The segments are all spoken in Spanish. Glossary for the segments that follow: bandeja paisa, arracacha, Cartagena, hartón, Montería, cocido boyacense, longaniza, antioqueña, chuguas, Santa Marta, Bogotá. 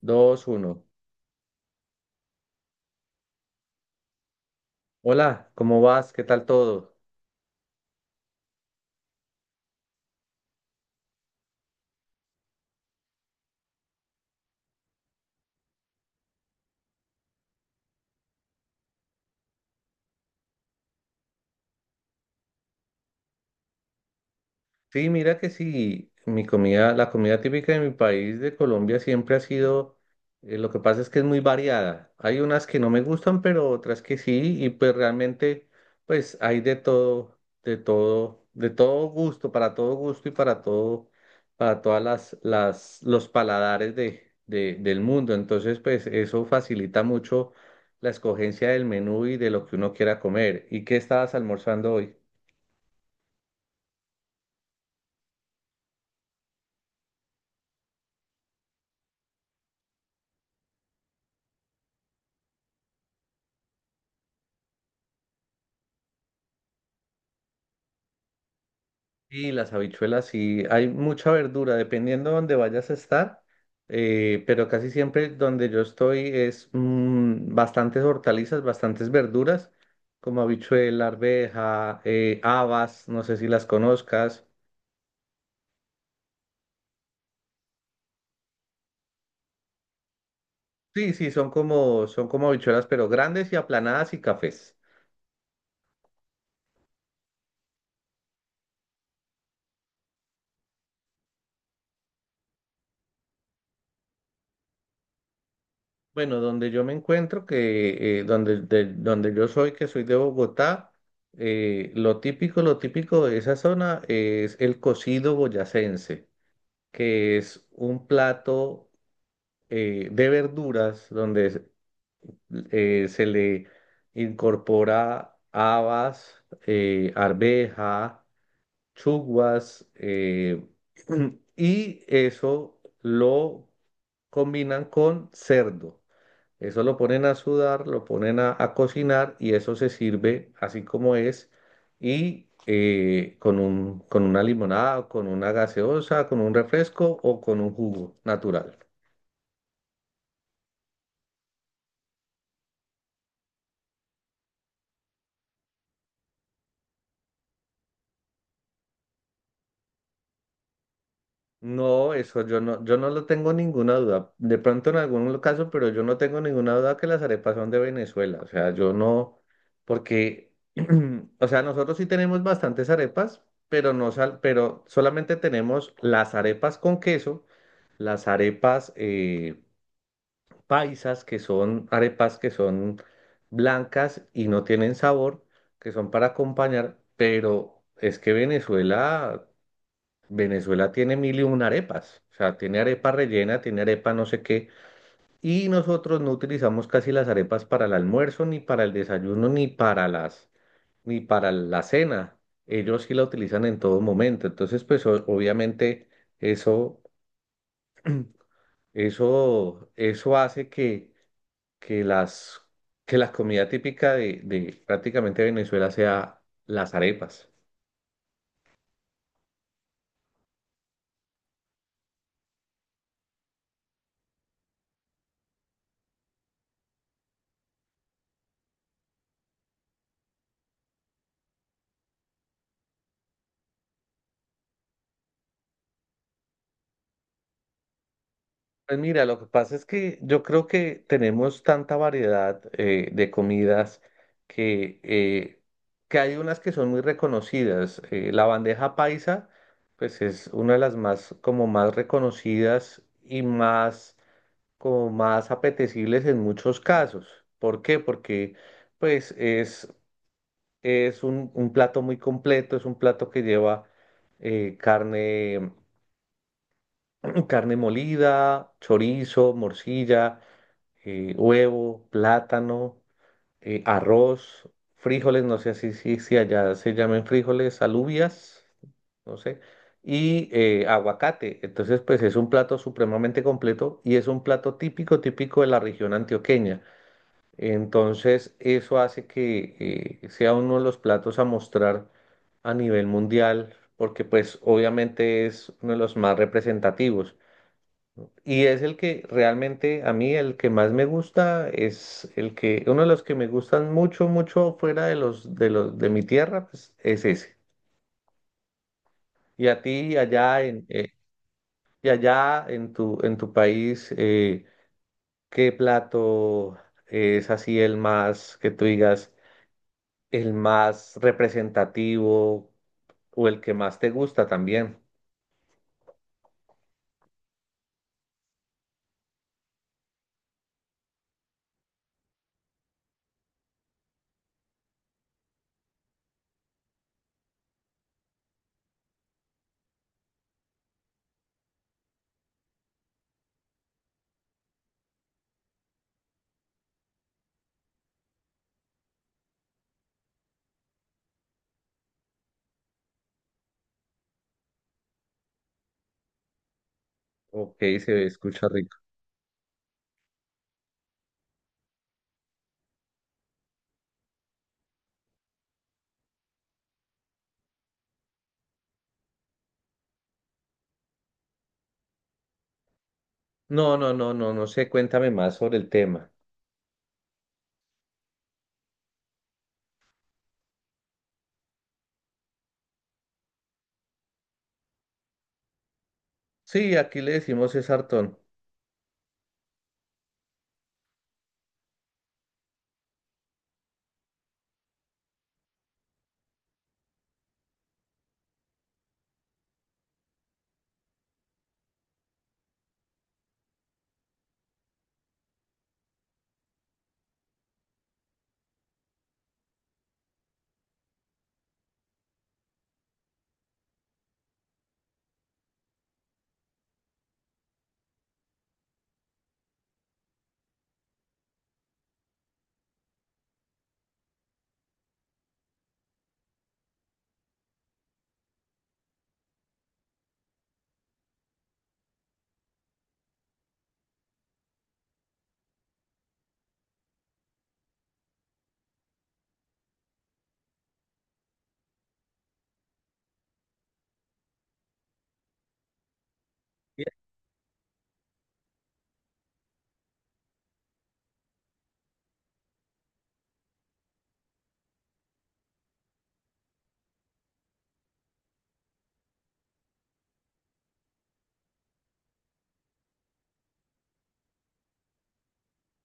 Dos, uno. Hola, ¿cómo vas? ¿Qué tal todo? Sí, mira que sí, mi comida, la comida típica de mi país, de Colombia, siempre ha sido, lo que pasa es que es muy variada. Hay unas que no me gustan, pero otras que sí, y pues realmente, pues hay de todo, de todo, de todo gusto, para todo gusto y para todo, para todas los paladares del mundo. Entonces, pues eso facilita mucho la escogencia del menú y de lo que uno quiera comer. ¿Y qué estabas almorzando hoy? Y las habichuelas, sí, hay mucha verdura, dependiendo de dónde vayas a estar, pero casi siempre donde yo estoy es bastantes hortalizas, bastantes verduras, como habichuela, arveja, habas, no sé si las conozcas. Sí, sí, son como habichuelas, pero grandes y aplanadas y cafés. Bueno, donde yo me encuentro, que donde, donde yo soy, que soy de Bogotá, lo típico de esa zona es el cocido boyacense, que es un plato de verduras donde se se le incorpora habas, arveja, chuguas, y eso lo combinan con cerdo. Eso lo ponen a sudar, lo ponen a cocinar y eso se sirve así como es y con un, con una limonada, con una gaseosa, con un refresco o con un jugo natural. No, eso yo no, yo no lo tengo ninguna duda. De pronto en algún caso, pero yo no tengo ninguna duda que las arepas son de Venezuela. O sea, yo no, porque, o sea, nosotros sí tenemos bastantes arepas, pero no sal, pero solamente tenemos las arepas con queso, las arepas paisas, que son arepas que son blancas y no tienen sabor, que son para acompañar, pero es que Venezuela, Venezuela tiene mil y una arepas. O sea, tiene arepa rellena, tiene arepa no sé qué, y nosotros no utilizamos casi las arepas para el almuerzo, ni para el desayuno, ni para las, ni para la cena. Ellos sí la utilizan en todo momento. Entonces, pues obviamente eso, eso, eso hace que las, que la comida típica de prácticamente Venezuela sea las arepas. Pues mira, lo que pasa es que yo creo que tenemos tanta variedad de comidas que, eh, que hay unas que son muy reconocidas. La bandeja paisa, pues es una de las más como más reconocidas y más como más apetecibles en muchos casos. ¿Por qué? Porque pues es un plato muy completo, es un plato que lleva carne, carne molida, chorizo, morcilla, huevo, plátano, arroz, frijoles, no sé si allá se llamen frijoles, alubias, no sé, y aguacate. Entonces, pues es un plato supremamente completo y es un plato típico, típico de la región antioqueña. Entonces, eso hace que sea uno de los platos a mostrar a nivel mundial, porque pues obviamente es uno de los más representativos. Y es el que realmente a mí el que más me gusta es el que uno de los que me gustan mucho mucho fuera de los de los de mi tierra pues, es ese. Y a ti allá en y allá en tu país ¿qué plato es así el más que tú digas el más representativo o el que más te gusta también? Ok, se escucha rico. No, no, no, no, no sé, cuéntame más sobre el tema. Sí, aquí le decimos es hartón.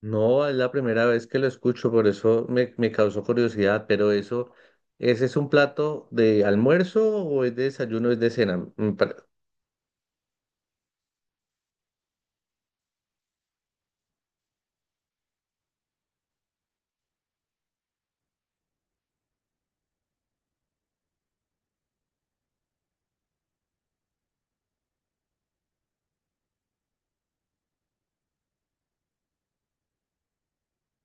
No, es la primera vez que lo escucho, por eso me, me causó curiosidad, pero eso, ¿ese es un plato de almuerzo o es de desayuno, es de cena?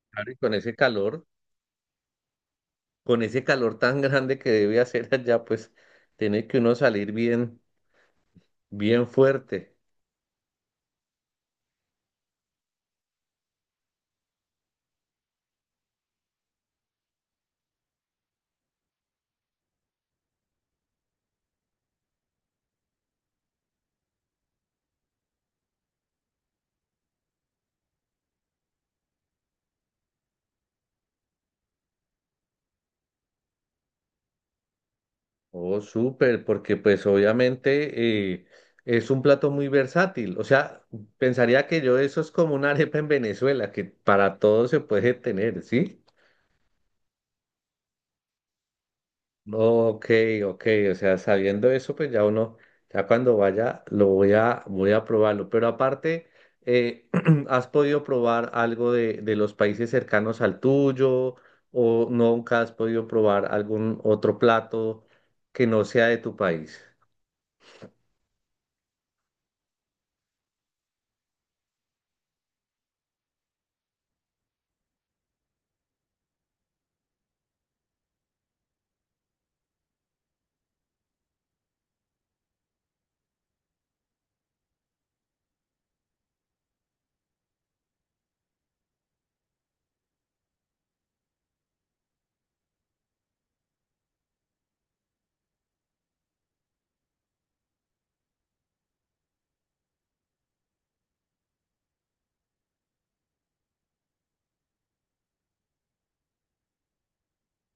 Claro, y con ese calor tan grande que debe hacer allá, pues tiene que uno salir bien, bien fuerte. Oh, súper, porque pues obviamente es un plato muy versátil. O sea, pensaría que yo eso es como una arepa en Venezuela, que para todo se puede tener, ¿sí? Ok, ok, o sea, sabiendo eso, pues ya uno, ya cuando vaya, lo voy a, voy a probarlo. Pero aparte, eh, ¿has podido probar algo de los países cercanos al tuyo? ¿O nunca has podido probar algún otro plato que no sea de tu país?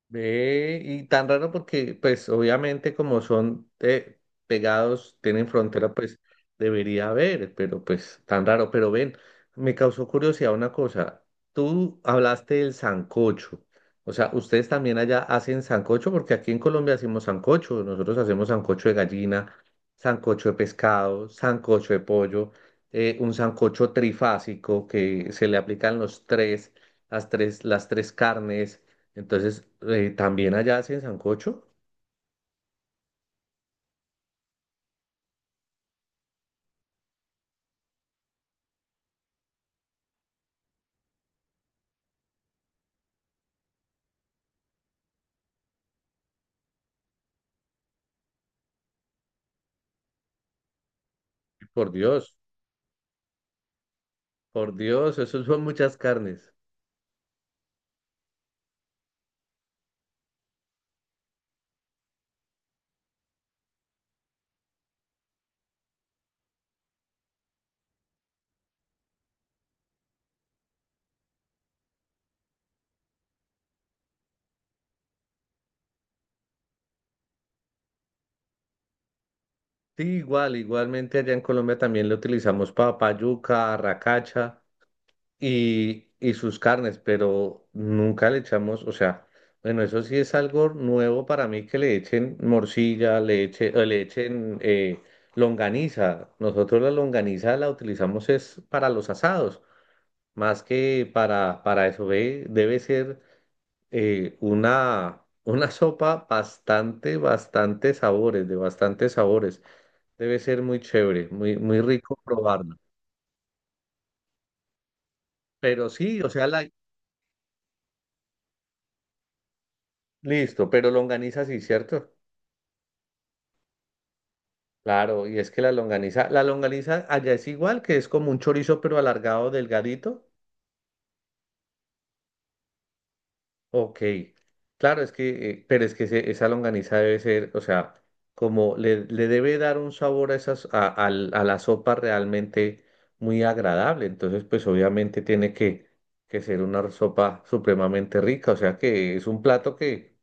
Ve, y tan raro porque, pues, obviamente como son pegados, tienen frontera, pues, debería haber, pero pues, tan raro. Pero ven, me causó curiosidad una cosa. Tú hablaste del sancocho. O sea, ¿ustedes también allá hacen sancocho? Porque aquí en Colombia hacemos sancocho. Nosotros hacemos sancocho de gallina, sancocho de pescado, sancocho de pollo, un sancocho trifásico que se le aplican los tres, las tres carnes entonces, también allá hacen sancocho. Por Dios, por Dios, eso son muchas carnes. Sí, igual, igualmente allá en Colombia también le utilizamos papa, yuca, arracacha y sus carnes, pero nunca le echamos, o sea, bueno, eso sí es algo nuevo para mí que le echen morcilla, le eche, o le echen longaniza. Nosotros la longaniza la utilizamos es para los asados, más que para eso, ¿ve? Debe ser una sopa bastante, bastante sabores, de bastantes sabores. Debe ser muy chévere, muy, muy rico probarla. Pero sí, o sea, la... listo, pero longaniza sí, ¿cierto? Claro, y es que la longaniza allá es igual, que es como un chorizo pero alargado, delgadito. Ok, claro, es que, pero es que esa longaniza debe ser, o sea, como le debe dar un sabor a esas, a, a la sopa realmente muy agradable. Entonces, pues obviamente tiene que ser una sopa supremamente rica. O sea que es un plato que,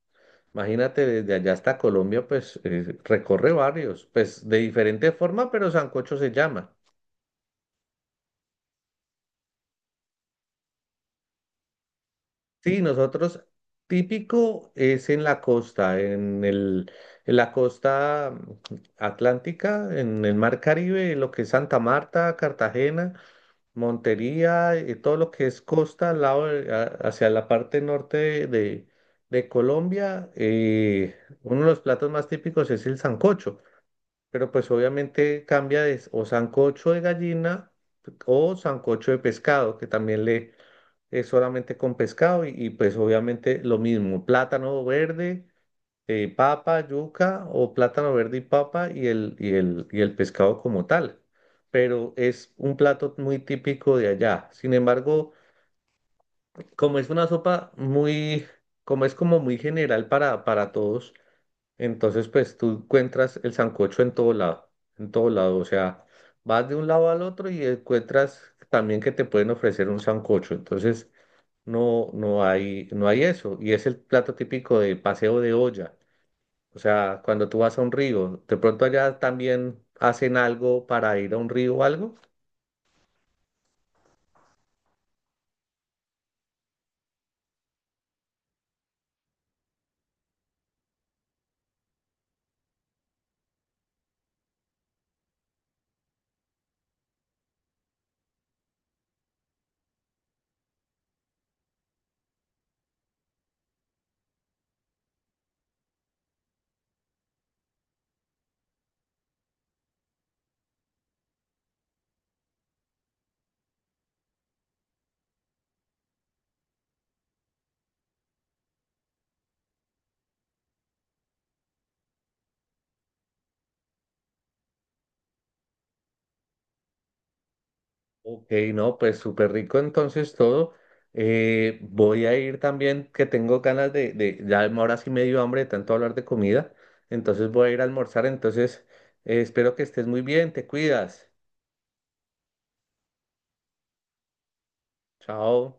imagínate, desde allá hasta Colombia, pues recorre varios, pues de diferente forma, pero sancocho se llama. Sí, nosotros típico es en la costa, en el, en la costa atlántica, en el mar Caribe, lo que es Santa Marta, Cartagena, Montería, todo lo que es costa al lado hacia la parte norte de Colombia. Eh, uno de los platos más típicos es el sancocho, pero pues obviamente cambia o sancocho de gallina o sancocho de pescado, que también le es solamente con pescado y, pues obviamente lo mismo, plátano verde, papa, yuca o plátano verde y papa y el, y el, y el pescado como tal. Pero es un plato muy típico de allá. Sin embargo, como es una sopa muy, como es como muy general para todos, entonces pues tú encuentras el sancocho en todo lado, o sea, vas de un lado al otro y encuentras también que te pueden ofrecer un sancocho. Entonces, no, no hay, no hay eso. Y es el plato típico de paseo de olla. O sea, cuando tú vas a un río, de pronto allá también hacen algo para ir a un río o algo. Ok, no, pues súper rico entonces todo. Voy a ir también, que tengo ganas de, ya ahora sí me dio hambre de tanto hablar de comida. Entonces voy a ir a almorzar. Entonces, espero que estés muy bien, te cuidas. Chao.